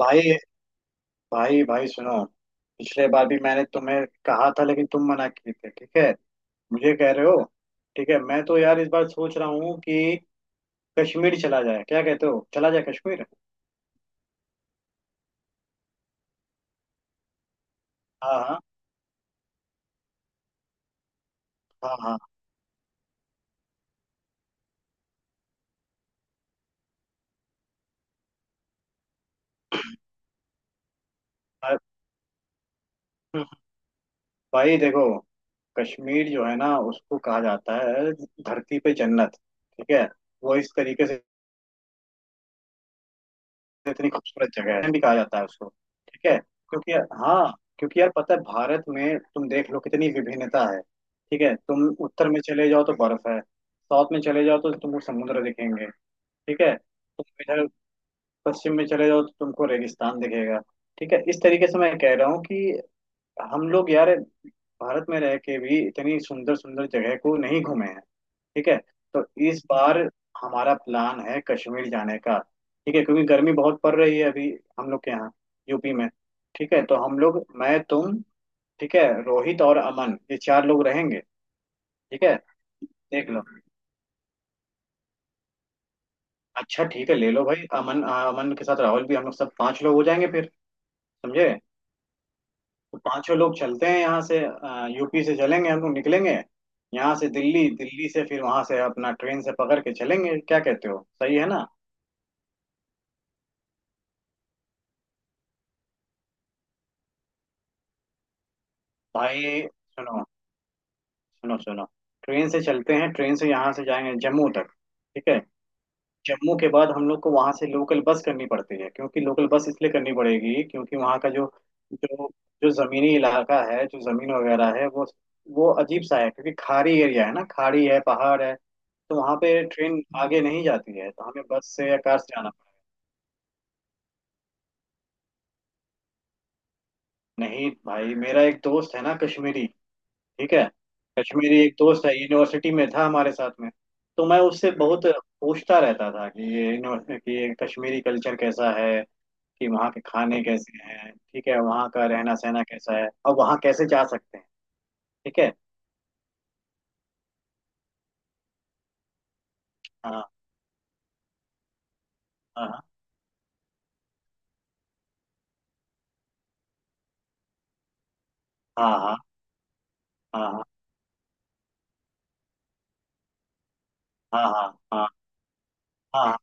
भाई भाई भाई सुनो। पिछले बार भी मैंने तुम्हें कहा था लेकिन तुम मना किए थे, ठीक है? मुझे कह रहे हो? ठीक है, मैं तो यार इस बार सोच रहा हूँ कि कश्मीर चला जाए। क्या कहते हो, चला जाए कश्मीर? हाँ हाँ हाँ हाँ। अरे, भाई देखो, कश्मीर जो है ना उसको कहा जाता है धरती पे जन्नत। ठीक है, वो इस तरीके से इतनी खूबसूरत जगह है, भी कहा जाता है उसको। ठीक है क्योंकि हाँ, क्योंकि यार पता है भारत में तुम देख लो कितनी विभिन्नता है। ठीक है, तुम उत्तर में चले जाओ तो बर्फ है, साउथ में चले जाओ तो तुमको समुद्र दिखेंगे। ठीक है, तुम इधर पश्चिम में चले जाओ तो तुमको रेगिस्तान दिखेगा। ठीक है, इस तरीके से मैं कह रहा हूँ कि हम लोग यार भारत में रह के भी इतनी सुंदर सुंदर जगह को नहीं घूमे हैं। ठीक है, तो इस बार हमारा प्लान है कश्मीर जाने का। ठीक है क्योंकि गर्मी बहुत पड़ रही है अभी हम लोग के यहाँ, यूपी में। ठीक है, तो हम लोग, मैं, तुम, ठीक है, रोहित और अमन, ये चार लोग रहेंगे। ठीक है, देख लो। अच्छा ठीक है, ले लो भाई अमन। अमन के साथ राहुल भी, हम लोग सब पांच लोग हो जाएंगे फिर। समझे? तो पांचों लोग चलते हैं यहाँ से, यूपी से चलेंगे हम लोग, निकलेंगे यहाँ से दिल्ली, दिल्ली से फिर वहां से अपना ट्रेन से पकड़ के चलेंगे। क्या कहते हो, सही है ना? भाई सुनो सुनो सुनो। ट्रेन से चलते हैं, ट्रेन से यहाँ से जाएंगे जम्मू तक। ठीक है, जम्मू के बाद हम लोग को वहां से लोकल बस करनी पड़ती है, क्योंकि लोकल बस इसलिए करनी पड़ेगी क्योंकि वहाँ का जो जो जो जमीनी इलाका है, जो जमीन वगैरह है वो अजीब सा है क्योंकि खाड़ी एरिया है ना, खाड़ी है, पहाड़ है। तो वहाँ पे ट्रेन आगे नहीं जाती है, तो हमें बस से या कार से जाना पड़ता है। नहीं भाई, मेरा एक दोस्त है ना, कश्मीरी, ठीक है, कश्मीरी एक दोस्त है, यूनिवर्सिटी में था हमारे साथ में। तो मैं उससे बहुत पूछता रहता था कि ये यूनिवर्सिटी कि ये कश्मीरी कल्चर कैसा है, कि वहाँ के खाने कैसे हैं, ठीक है, वहाँ का रहना सहना कैसा है, और वहाँ कैसे जा सकते हैं। ठीक है। हाँ हाँ हाँ हाँ हाँ हाँ हाँ हाँ हाँ हाँ हाँ।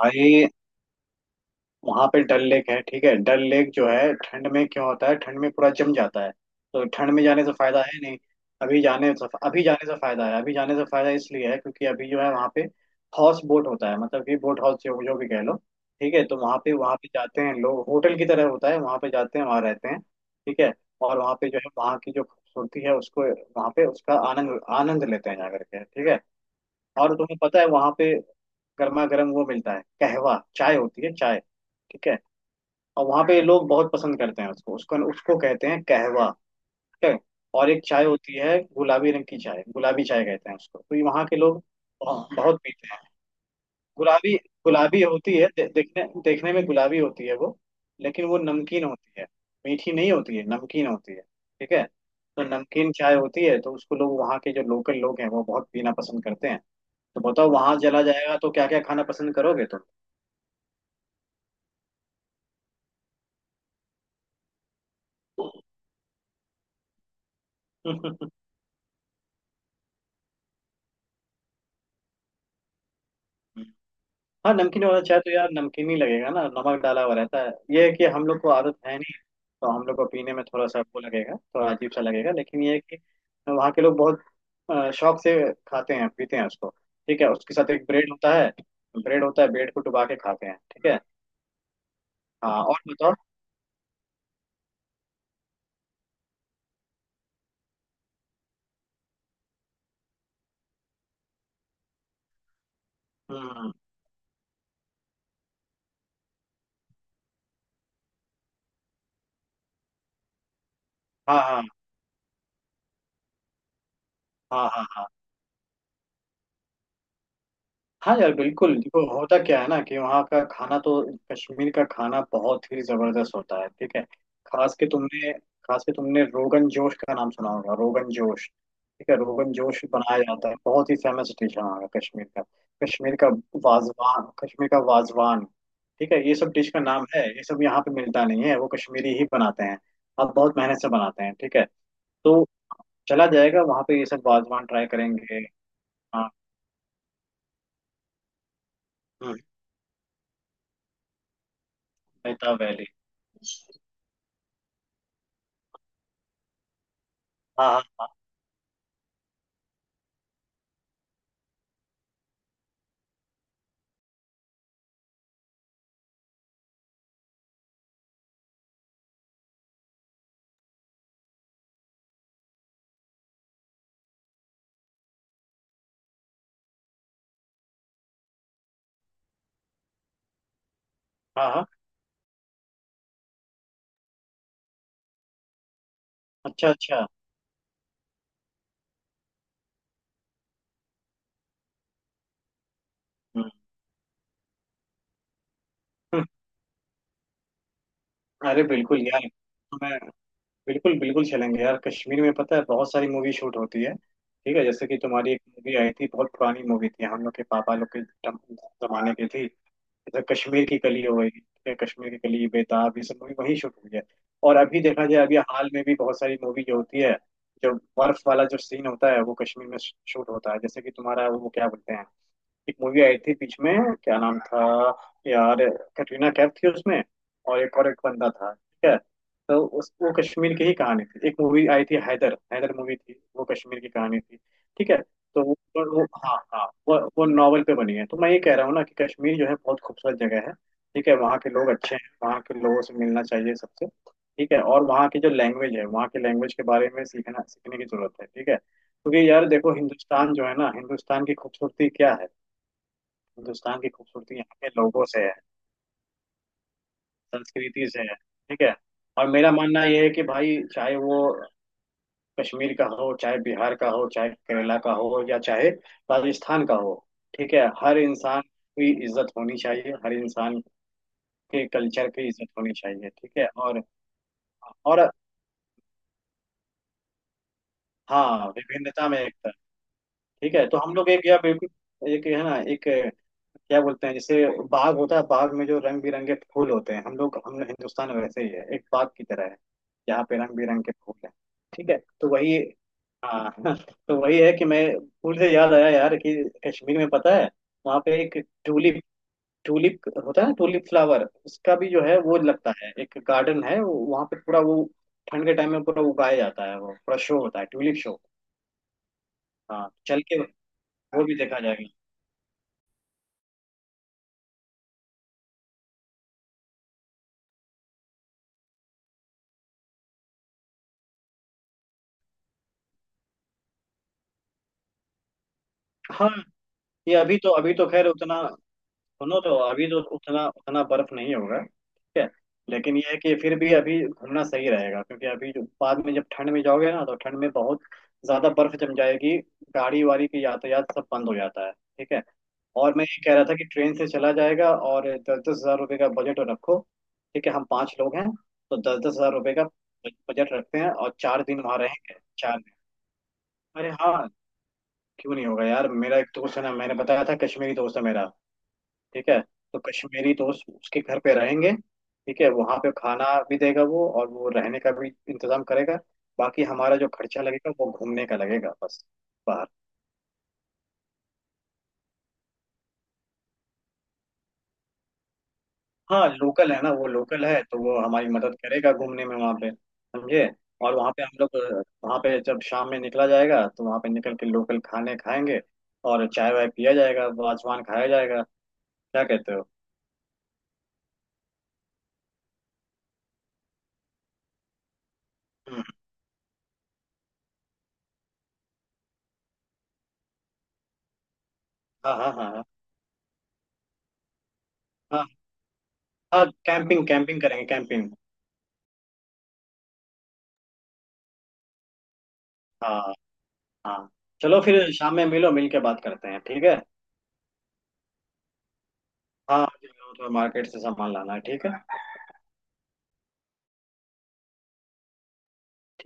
भाई वहां पे डल लेक है, ठीक है, डल लेक जो है ठंड में क्यों होता है, ठंड में पूरा जम जाता है। तो ठंड में जाने से फायदा है नहीं, अभी जाने से, अभी जाने से फायदा है। अभी जाने से फायदा इसलिए है क्योंकि अभी जो है वहाँ पे हाउस बोट होता है, मतलब कि बोट हाउस जो, जो भी कह लो। ठीक है, तो वहाँ पे, वहाँ पे जाते हैं लोग, होटल की तरह होता है, वहाँ पे जाते हैं वहाँ रहते हैं। ठीक है, और वहाँ पे जो है वहाँ की जो खूबसूरती है उसको, वहाँ पे उसका आनंद आनंद लेते हैं जा करके। ठीक है, और तुम्हें पता है वहाँ पे गर्मा गर्म वो मिलता है, कहवा, चाय होती है चाय। ठीक है, और वहां पे लोग बहुत पसंद करते हैं उसको, उसको कहते हैं कहवा। ठीक है, और एक चाय होती है गुलाबी रंग की, चाय गुलाबी चाय कहते हैं उसको। तो ये वहाँ के लोग बहुत बहुत पीते हैं। गुलाबी, गुलाबी होती है, देखने देखने में गुलाबी होती है वो, लेकिन वो नमकीन होती है। मीठी नहीं होती है, नमकीन होती है। ठीक है, तो नमकीन चाय होती है, तो उसको लोग वहाँ के जो लोकल लोग हैं वो बहुत पीना पसंद करते हैं। तो बताओ, वहां चला जाएगा तो क्या क्या खाना पसंद करोगे तुम? हाँ नमकीन वाला चाय तो यार नमकीन ही लगेगा ना, नमक डाला हुआ रहता है। ये है कि हम लोग को आदत है नहीं, तो हम लोग को पीने में थोड़ा सा वो लगेगा, थोड़ा अजीब सा लगेगा। लेकिन ये है कि वहाँ के लोग बहुत शौक से खाते हैं पीते हैं उसको। ठीक है, उसके साथ एक ब्रेड होता है, ब्रेड होता है, ब्रेड को डुबा के खाते हैं। ठीक है। हाँ, और बताओ। हम्म। हाँ हाँ हाँ हाँ हाँ हाँ। यार बिल्कुल, देखो होता क्या है ना कि वहाँ का खाना तो, कश्मीर का खाना बहुत ही जबरदस्त होता है। ठीक है, खास के तुमने खास के तुमने रोगन जोश का नाम सुना होगा। रोगन जोश, ठीक है, रोगन जोश बनाया जाता है, बहुत ही फेमस डिश है वहाँ का। कश्मीर का वाजवान, कश्मीर का वाजवान। ठीक है, ये सब डिश का नाम है, ये सब यहाँ पे मिलता नहीं है, वो कश्मीरी ही बनाते हैं। अब बहुत मेहनत से बनाते हैं। ठीक है, तो चला जाएगा वहाँ पे, ये सब वाजवान ट्राई करेंगे। हाँ। हम्म, नैता वैली। हाँ हाँ हाँ। हाँ हाँ। अच्छा अच्छा। हम्म। अरे बिल्कुल यार, तो मैं बिल्कुल बिल्कुल चलेंगे यार। कश्मीर में पता है बहुत सारी मूवी शूट होती है। ठीक है, जैसे कि तुम्हारी एक मूवी आई थी, बहुत पुरानी मूवी थी, हम लोग के पापा लोग के जमाने की थी। जैसे कश्मीर की कली हो गई, ठीक है, कश्मीर की कली, बेताब, ये सब मूवी वहीं शूट हुई है। और अभी देखा जाए, अभी हाल में भी बहुत सारी मूवी जो होती है, जो बर्फ वाला जो सीन होता है वो कश्मीर में शूट होता है। जैसे कि तुम्हारा वो क्या बोलते हैं, एक मूवी आई थी बीच में, क्या नाम था यार, कटरीना कैफ थी उसमें और एक, और एक बंदा था। ठीक है, तो उस वो कश्मीर की ही कहानी थी, एक मूवी आई थी हैदर, हैदर मूवी थी, वो कश्मीर की कहानी थी। ठीक है, तो वो हाँ हाँ, वो नॉवल पे बनी है। तो मैं ये कह रहा हूँ ना कि कश्मीर जो है बहुत खूबसूरत जगह है। ठीक है, वहाँ के लोग अच्छे हैं, वहाँ के लोगों से मिलना चाहिए सबसे। ठीक है, और वहाँ की जो लैंग्वेज है, वहाँ की लैंग्वेज के बारे में सीखना, सीखने की जरूरत है। ठीक है, क्योंकि यार देखो हिंदुस्तान जो है ना, हिंदुस्तान की खूबसूरती क्या है, हिंदुस्तान की खूबसूरती यहाँ के लोगों से है, संस्कृति से है। ठीक है, और मेरा मानना यह है कि भाई चाहे वो कश्मीर का हो, चाहे बिहार का हो, चाहे केरला का हो, या चाहे राजस्थान का हो, ठीक है, हर इंसान की इज्जत होनी चाहिए, हर इंसान के कल्चर की इज्जत होनी चाहिए। ठीक है, और हाँ, विभिन्नता में एकता। ठीक है, तो हम लोग एक, या बिल्कुल एक है ना, एक, क्या बोलते हैं जैसे बाग होता है, बाग में जो रंग बिरंगे फूल होते हैं, हम लोग, हम लोग हिंदुस्तान में वैसे ही है, एक बाग की तरह है। यहाँ पे रंग बिरंगे फूल है। ठीक है, तो वही हाँ तो वही है कि मैं, फूल से याद आया यार कि कश्मीर में पता है वहाँ पे एक ट्यूलिप, ट्यूलिप होता है ना, ट्यूलिप फ्लावर, उसका भी जो है वो लगता है एक गार्डन है वो- वहाँ पे पूरा वो ठंड के टाइम में पूरा उगाया जाता है, वो पूरा शो होता है, ट्यूलिप शो। हाँ चल के वो भी देखा जाएगा। हाँ ये अभी तो, अभी तो खैर उतना, सुनो तो अभी तो उतना उतना बर्फ नहीं होगा। ठीक है, लेकिन ये है कि फिर भी अभी घूमना सही रहेगा, क्योंकि अभी जो बाद में जब ठंड में जाओगे ना, तो ठंड में बहुत ज्यादा बर्फ जम जाएगी, गाड़ी वाड़ी की यातायात सब बंद हो जाता है। ठीक है, और मैं ये कह रहा था कि ट्रेन से चला जाएगा, और दस दस हज़ार रुपये का बजट रखो। ठीक है, हम पांच लोग हैं, तो दस दस हजार रुपये का बजट रखते हैं, और 4 दिन वहाँ रहेंगे, 4 दिन अरे हाँ, क्यों नहीं होगा यार, मेरा एक दोस्त है ना, मैंने बताया था कश्मीरी दोस्त है मेरा। ठीक है, तो कश्मीरी दोस्त उसके घर पे रहेंगे। ठीक है, वहां पे खाना भी देगा वो, और वो रहने का भी इंतजाम करेगा। बाकी हमारा जो खर्चा लगेगा वो घूमने का लगेगा बस, बाहर। हाँ लोकल है ना, वो लोकल है, तो वो हमारी मदद करेगा घूमने में वहाँ पे। समझे? और वहाँ पे हम लोग वहाँ पे जब शाम में निकला जाएगा, तो वहाँ पे निकल के लोकल खाने खाएंगे, और चाय वाय पिया जाएगा, वाजवान खाया जाएगा। क्या कहते हो? हम्म, हाँ हाँ हाँ हाँ हाँ हाँ, कैंपिंग कैंपिंग करेंगे, कैंपिंग। हाँ हाँ, चलो फिर शाम में मिलो, मिल के बात करते हैं। ठीक है, हाँ, मुझे थोड़ा मार्केट से सामान लाना है। ठीक है।